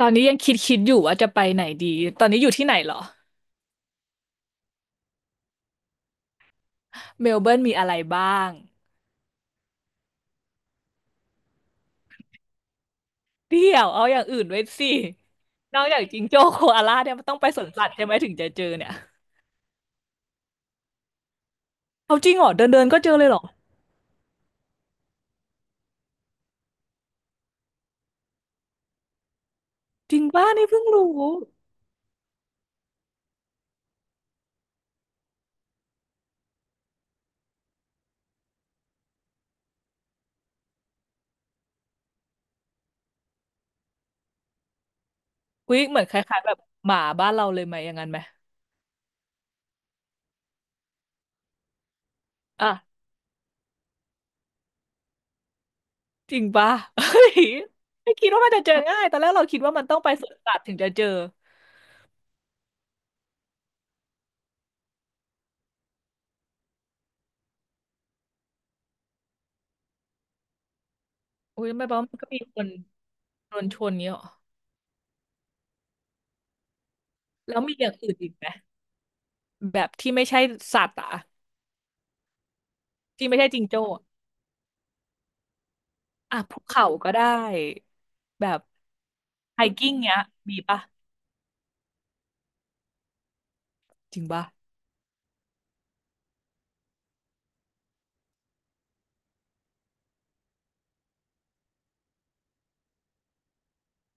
ตอนนี้ยังคิดอยู่ว่าจะไปไหนดีตอนนี้อยู่ที่ไหนเหรอเมลเบิร์นมีอะไรบ้างเดี๋ยวเอาอย่างอื่นไว้สินอกจากจิงโจ้โคอาล่าเนี่ยมันต้องไปสวนสัตว์ใช่ไหมถึงจะเจอเนี่ยเอาจริงเหรอเดินเดินก็เจอเลยเหรอจริงป้านี่เพิ่งรู้อุ๊ยเหมือนคล้ายๆแบบหมาบ้านเราเลยไหมอย่างนั้นไหมอ่ะจริงป้า เฮ้ยไม่คิดว่ามันจะเจอง่ายตอนแรกเราคิดว่ามันต้องไปสวนสัตว์ถึงจะเจออุ้ยไม่รามันก็มีคนโดนชนเนี้ยหรอแล้วมีอย่างอื่นอีกไหมแบบที่ไม่ใช่สัตว์อ่ะ ที่ไม่ใช่จิงโจ้อะอ่ะภูเขาก็ได้แบบไฮกิ้งเนี้ยมีปะจริงปะ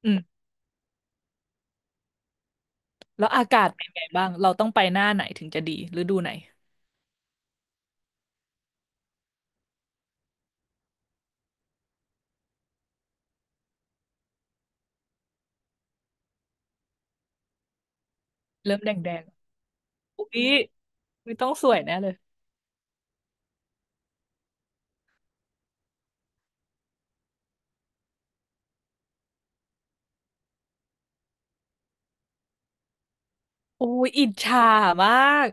อืมแล้วอากาศเป็นไงบ้างเราต้องไปหน้าไหนถึงจะดีฤดูไหนเริ่มแดงแดงอุ๊ยไม่ต้องสวยแน่เลยโอ้ยอิจฉามาก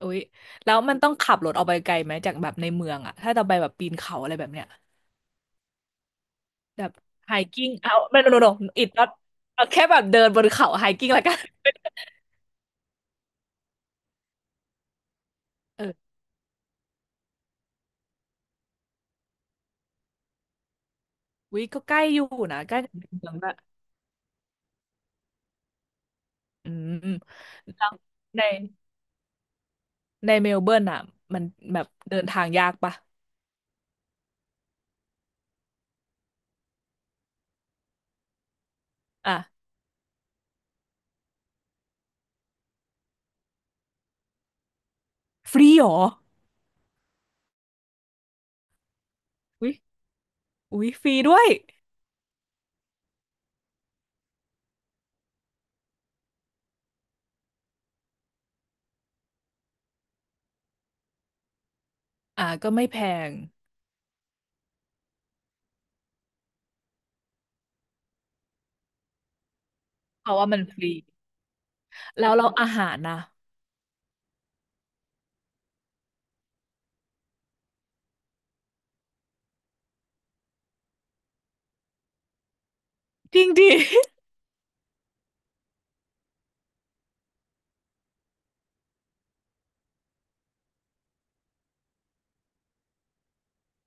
อุ๊ยแล้วมันต้องขับรถออกไปไกลไหมจากแบบในเมืองอะถ้าเราไปแบบปีนเขาอะไรแบบเนี้ยแบบไฮกิ้งเอาไม่โนโนอิดน็อตเอาแค่แบบเดินบนเขาไฮกิ้งละกันเออวิก็ใกล้อยู่นะใกล้กับในเมืองละ อืมแล้วในในเมลเบิร์นอ่ะมันแบบเดินทางยากปะอ่ะฟรีเหรออุ๊ยอุ๊ยฟรีด้วยอ่ะก็ไม่แพงเพราะว่ามันฟรีแล้วเราอาหารนะจริงดิ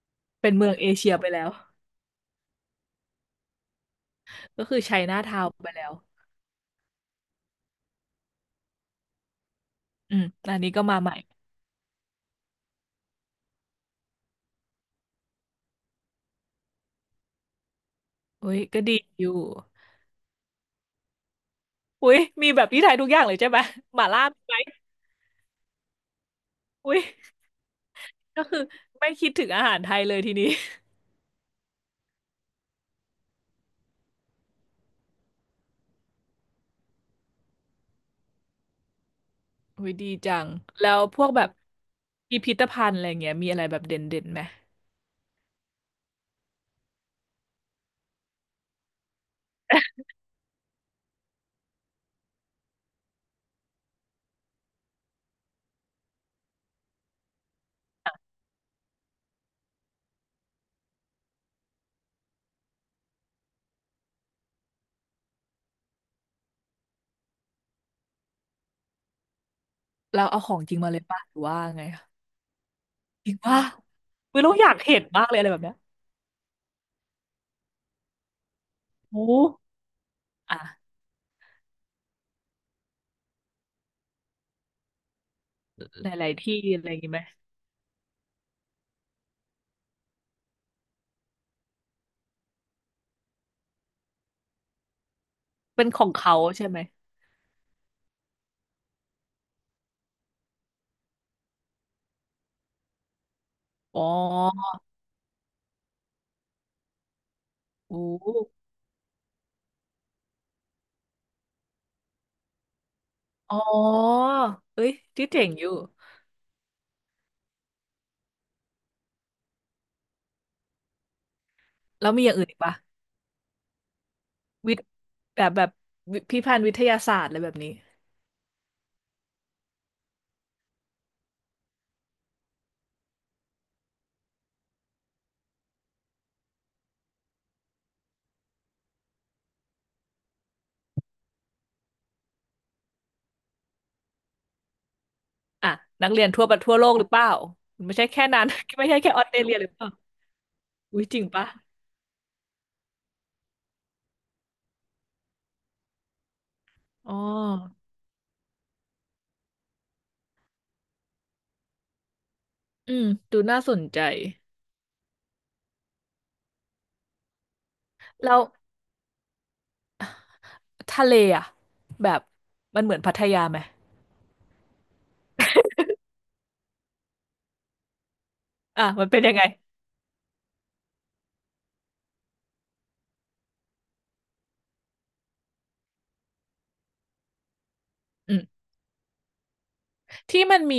เป็นเมืองเอเชียไปแล้วก็คือไชน่าทาวน์ไปแล้วอืมอันนี้ก็มาใหม่อุ๊ยก็ดีอยู่อุ๊ยมีแบบที่ไทยทุกอย่างเลยใช่ไหมหม่าล่ามีไหมอุ๊ยก็คือไม่คิดถึงอาหารไทยเลยทีนี้ อุ้ยดีจังแล้วพวกแบบพิพิธภัณฑ์อะไรเงี้ยมีอะไรแบบเด่นเด่นไหมเราเอาของจริงมาเลยป่ะหรือว่าไงอะจริงป่ะอุ้ยเราอยากเห็นมากเลยอะไรแบบเนี้ยโอ้อ่ะหลายๆที่อะไรอย่างงี้ไหมเป็นของเขาใช่ไหมอ๋อโอ้อ๋อเอ้ยที่เจ๋งอยู่แล้วมีอย่างอื่นอีกป่ะวิทย์แบบแบบวิพิพิธภัณฑ์วิทยาศาสตร์อะไรแบบนี้อ่ะนักเรียนทั่วประทั่วโลกหรือเปล่าไม่ใช่แค่นั้น ไม่ใช่แค่ออสเตรเลียหรือเปล่าอุ้ยจริงป่ะอ๋อ อืมดูน่าสนใจแล้วทะเลอ่ะแบบมันเหมือนพัทยาไหมอ่ะมันเป็นยังไงอืมที่มันมี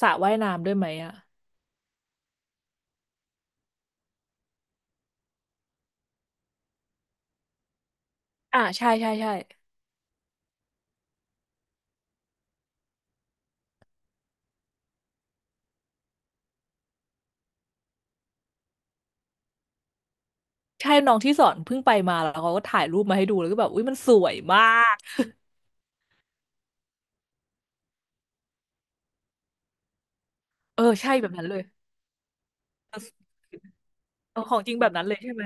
สระว่ายน้ำด้วยไหมอ่ะอ่าใช่ใช่ใช่ใช่น้องที่สอนเพิ่งไปมาแล้วเขาก็ถ่ายรูปมาให้ดูแล้วก็แบบอุ้ยมันสวยมากเออใช่แบบนั้นเลยเอาของจริงแบบนั้นเลยใช่ไหม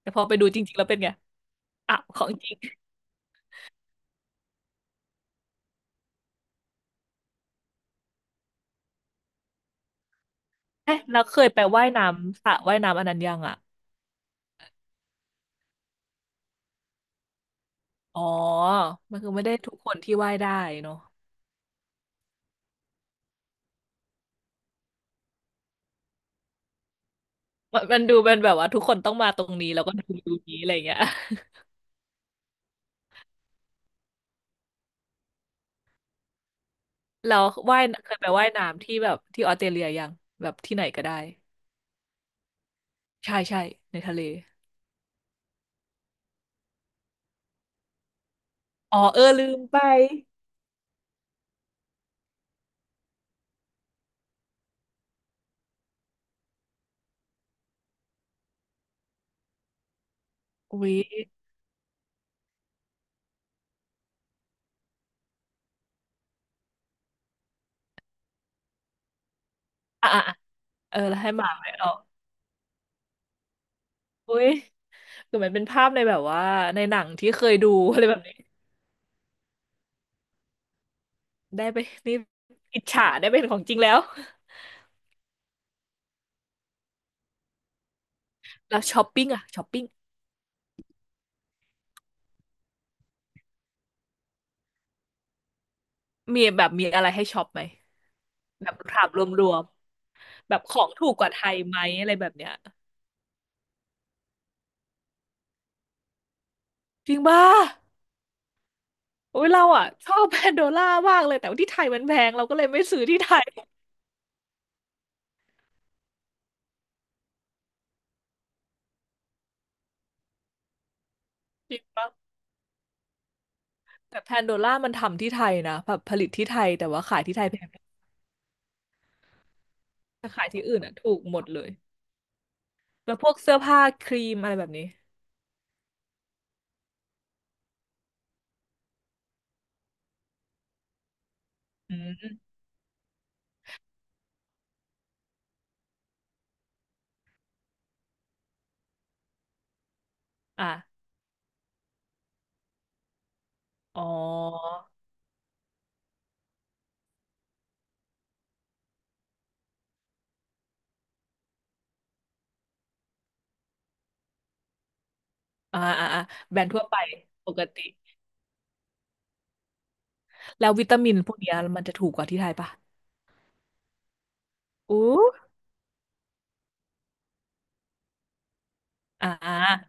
แต่พอไปดูจริงๆแล้วเป็นไงอ่ะของจริงเอ๊ะแล้วเคยไปว่ายน้ำสระว่ายน้ำอันนั้นยังอ่ะอ๋อมันคือไม่ได้ทุกคนที่ว่ายได้เนาะ มันมันดูเป็นแบบว่าทุกคนต้องมาตรงนี้แล้วก็ดูดูนี้อะไรอย่างเงี้ย แล้วว่ายเคยไปว่ายน้ำที่แบบที่ออสเตรเลียยังแบบที่ไหนก็ได้ใช่ใช่ในทะเลอ๋อเออลืมไปอุ๊ยอ่ะอ่ะอ่ะเออแล้วให้หมาไปเอาอุ๊ยคือมันเป็นภาพในแบบว่าในหนังที่เคยดู อะไรแบบนี้ได้ไปนี่อิจฉาได้เป็นของจริงแล้วแล้วช้อปปิ้งอะช้อปปิ้งมีแบบมีอะไรให้ช็อปไหมแบบถามรวมๆแบบของถูกกว่าไทยไหมอะไรแบบเนี้ยจริงป่ะ อุ้ยเราอ่ะชอบแพนโดล่ามากเลยแต่ว่าที่ไทยมันแพงเราก็เลยไม่ซื้อที่ไทยจริงปะแต่แพนโดล่ามันทำที่ไทยนะแบบผลิตที่ไทยแต่ว่าขายที่ไทยแพงถ้าขายที่อื่นอ่ะถูกหมดเลยแล้วพวกเสื้อผ้าครีมอะไรแบบนี้อืมอ่ะอ๋ออ่าอ่าอ่าแบรนด์ทั่วไปปกติแล้ววิตามินพวกเนี้ยมันจะถูกกว่าที่ไทยปะอู้อ่า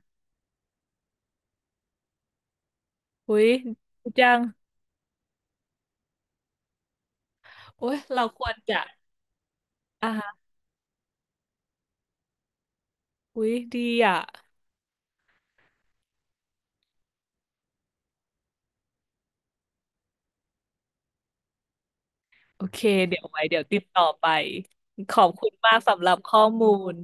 อุ้ยดีจังโอ้ยเราควรจะอ่าฮะอุ้ยดีอ่ะ โอเคเดี๋ยวไว้เดี๋ยวติดต่อไปขอบคุณมากสำหรับข้อมูล